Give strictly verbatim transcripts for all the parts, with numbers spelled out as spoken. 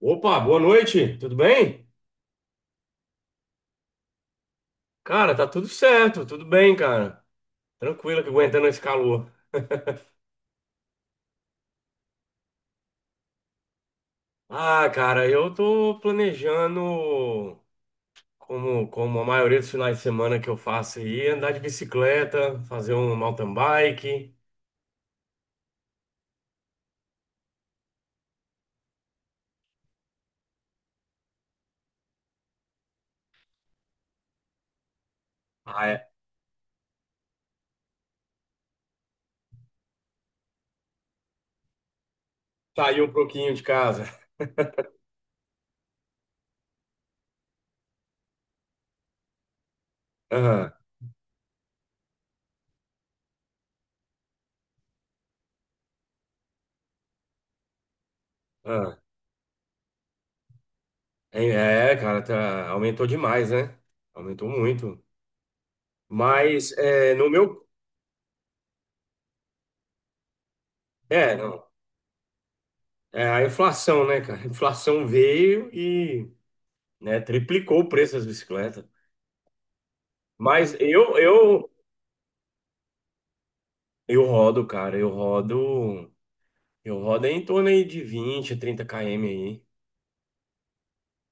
Opa, boa noite, tudo bem? Cara, tá tudo certo, tudo bem, cara. Tranquilo que aguentando esse calor. Ah, cara, eu tô planejando, como, como a maioria dos finais de semana que eu faço aí, andar de bicicleta, fazer um mountain bike. Ah, é. Sair um pouquinho de casa. Aham, aham. É, é, cara, tá- aumentou demais, né? Aumentou muito. Mas é, no meu. É, não. É a inflação, né, cara? A inflação veio e. Né? Triplicou o preço das bicicletas. Mas eu, eu, eu rodo, cara. Eu rodo, eu rodo em torno aí de vinte trinta quilômetros aí.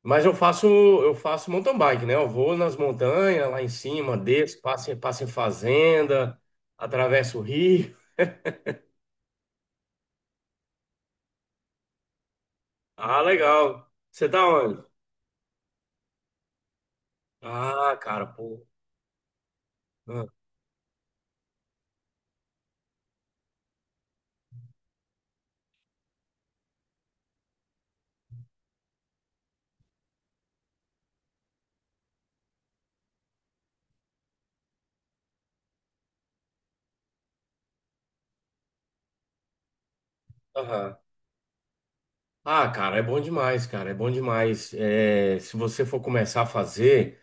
Mas eu faço, eu faço mountain bike, né? Eu vou nas montanhas, lá em cima, desço, passo, em- passo em fazenda, atravesso o rio. Ah, legal. Você tá onde? Ah, cara, pô. Ah, aham. Ah, cara, é bom demais, cara. É bom demais. É, se você for começar a fazer.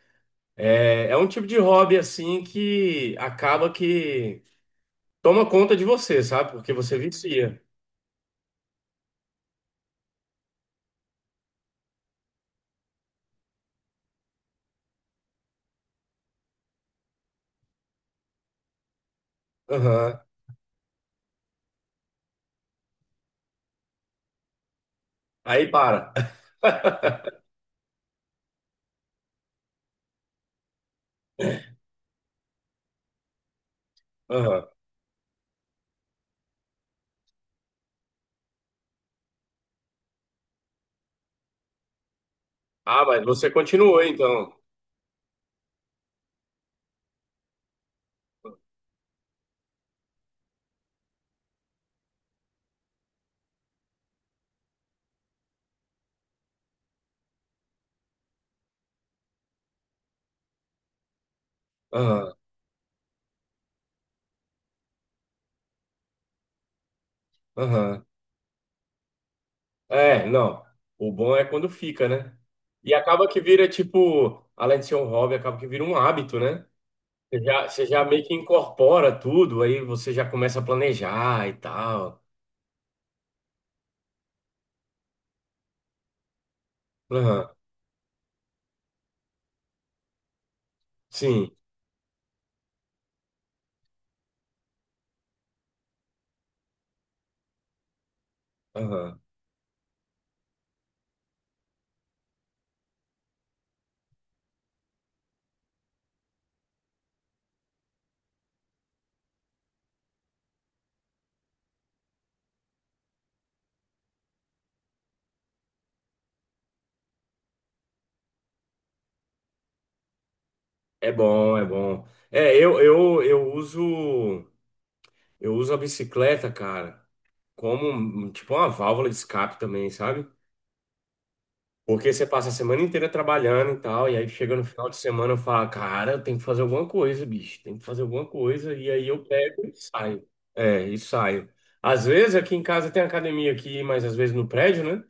É é um tipo de hobby assim que acaba que toma conta de você, sabe? Porque você vicia. Aham. Aí para. Aham. Ah, mas você continuou então. Aham. Aham. É, não. O bom é quando fica, né? E acaba que vira tipo, além de ser um hobby, acaba que vira um hábito, né? Você já, você já meio que incorpora tudo, aí você já começa a planejar e tal. Aham. Sim. Aham. É bom, é bom. É, eu, eu, eu uso. Eu uso a bicicleta, cara, como um- um, tipo uma válvula de escape também, sabe? Porque você passa a semana inteira trabalhando e tal, e aí chega no final de semana e fala, cara, eu tenho que fazer alguma coisa, bicho, tem que fazer alguma coisa, e aí eu pego e saio. É, e saio. Às vezes aqui em casa tem academia aqui, mas às vezes no prédio, né?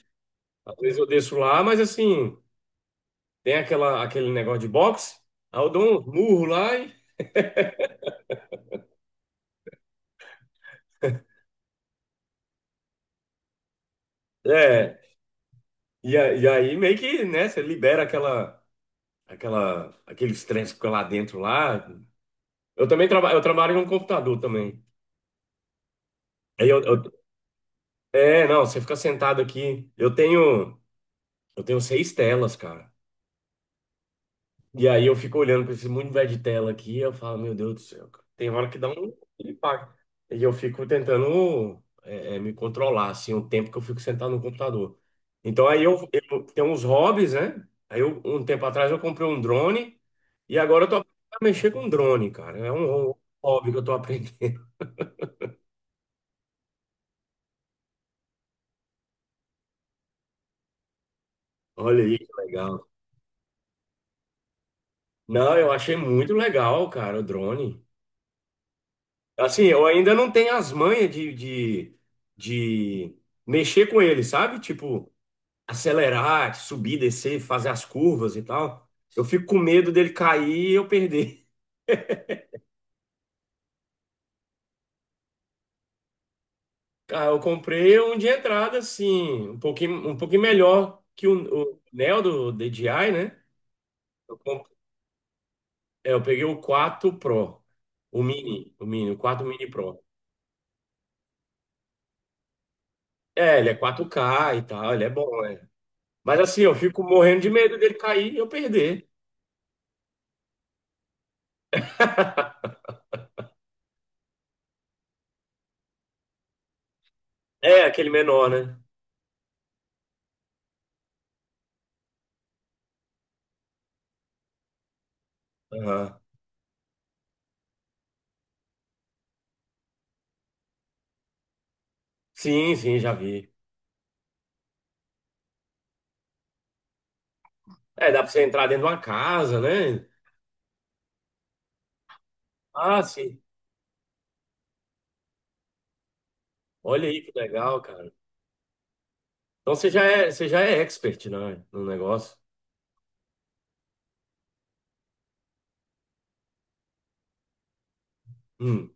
Às vezes eu desço lá, mas assim, tem aquela, aquele negócio de boxe, aí eu dou um murro lá e. É, e, a- e aí meio que, né, você libera aquela. Aquela, aqueles trens que ficam lá dentro lá. Eu também trabalho, eu trabalho em um computador também. Aí eu, eu- É, não, você fica sentado aqui. Eu tenho, eu tenho seis telas, cara. E aí eu fico olhando para esse mundo velho de tela aqui, eu falo, meu Deus do céu, cara. Tem hora que dá um impacto. E eu fico tentando é, é, me controlar, assim, o tempo que eu fico sentado no computador. Então aí eu, eu tenho uns hobbies, né? Aí eu, um tempo atrás eu comprei um drone e agora eu tô aprendendo a mexer com drone, cara. É um, um hobby que eu tô aprendendo. Olha aí, que legal. Não, eu achei muito legal, cara, o drone. Assim, eu ainda não tenho as manhas de, de, de mexer com ele, sabe? Tipo. Acelerar, subir, descer, fazer as curvas e tal. Eu fico com medo dele cair e eu perder. Cara, eu comprei um de entrada, assim, um pouquinho, um pouquinho melhor que o, o Neo do D J I, né? Eu, comp- é, eu peguei o quatro Pro, o Mini, o Mini, o quatro Mini Pro. É, ele é quatro ca e tal, ele é bom, né? Mas assim, eu fico morrendo de medo dele cair e eu perder. É, aquele menor, né? Aham. Sim, sim, já vi. É, dá pra você entrar dentro de uma casa, né? Ah, sim. Olha aí que legal, cara. Então você já é, você já é expert, né, no negócio? Hum,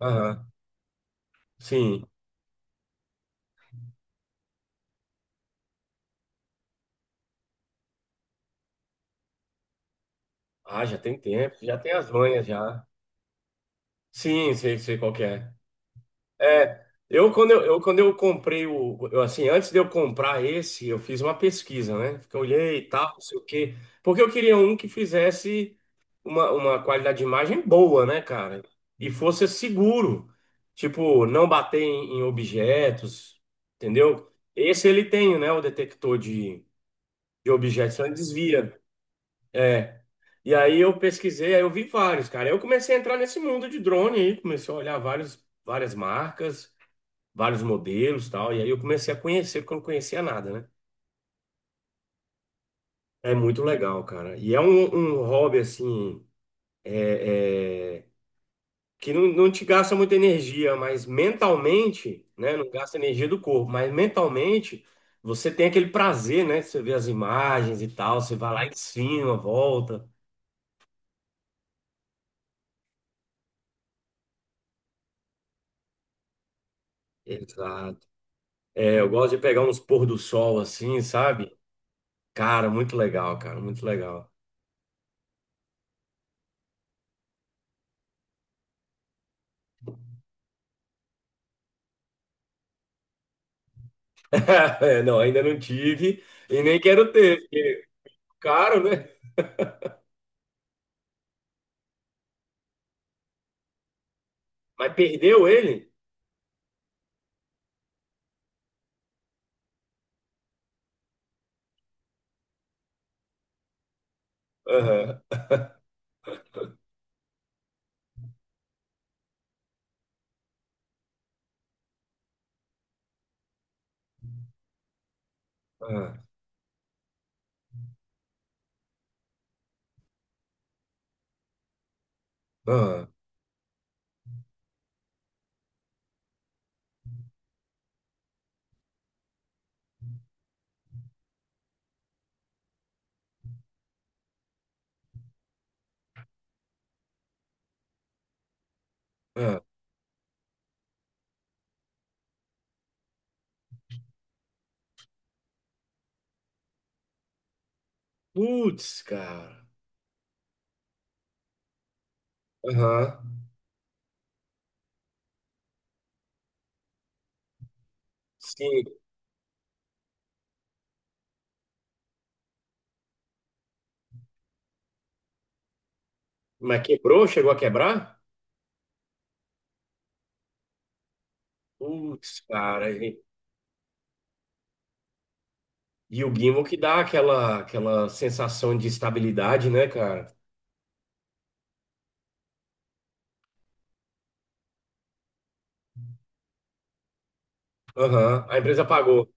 aham, sim. Ah, já tem tempo, já tem as manhas já. Sim, sei, sei qual que é. É, eu quando eu, eu quando eu comprei o, eu, assim, antes de eu comprar esse, eu fiz uma pesquisa, né? Porque eu olhei e tal, não sei o quê, porque eu queria um que fizesse uma, uma qualidade de imagem boa, né, cara? E fosse seguro, tipo, não bater em, em objetos, entendeu? Esse ele tem, né, o detector de, de objetos, então ele desvia. É. E aí eu pesquisei, aí eu vi vários, cara. Aí eu comecei a entrar nesse mundo de drone aí, comecei a olhar vários, várias marcas vários modelos e tal. E aí eu comecei a conhecer, porque eu não conhecia nada, né? É muito legal, cara. E é um, um hobby, assim, é, é, que não, não te gasta muita energia, mas mentalmente, né? Não gasta energia do corpo, mas mentalmente você tem aquele prazer, né? Você vê as imagens e tal, você vai lá em cima, volta. Exato. É, eu gosto de pegar uns pôr do sol assim, sabe? Cara, muito legal, cara, muito legal. É, não, ainda não tive e nem quero ter, porque é caro, né? Mas perdeu ele? Aham, aham, aham, aham. Putz, cara. Aham. Sim. Mas quebrou? Chegou a quebrar? Putz, cara. E, e o gimbal que dá aquela, aquela sensação de estabilidade, né, cara? Aham. A empresa pagou.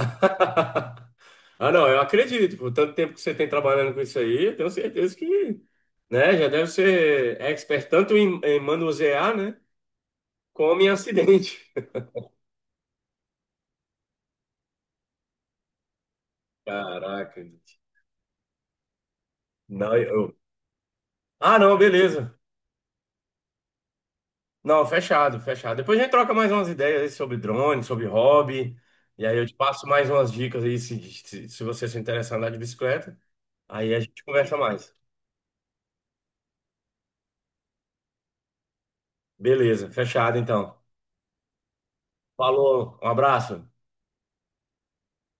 Ah, não, eu acredito. Por tanto tempo que você tem trabalhando com isso aí, eu tenho certeza que, né, já deve ser expert tanto em, em manusear, né, como em acidente. Caraca, gente. Não, eu, ah, não, beleza. Não, fechado, fechado. Depois a gente troca mais umas ideias aí sobre drone, sobre hobby. E aí eu te passo mais umas dicas aí se, se, se você se interessar em andar de bicicleta. Aí a gente conversa mais. Beleza, fechado então. Falou, um abraço.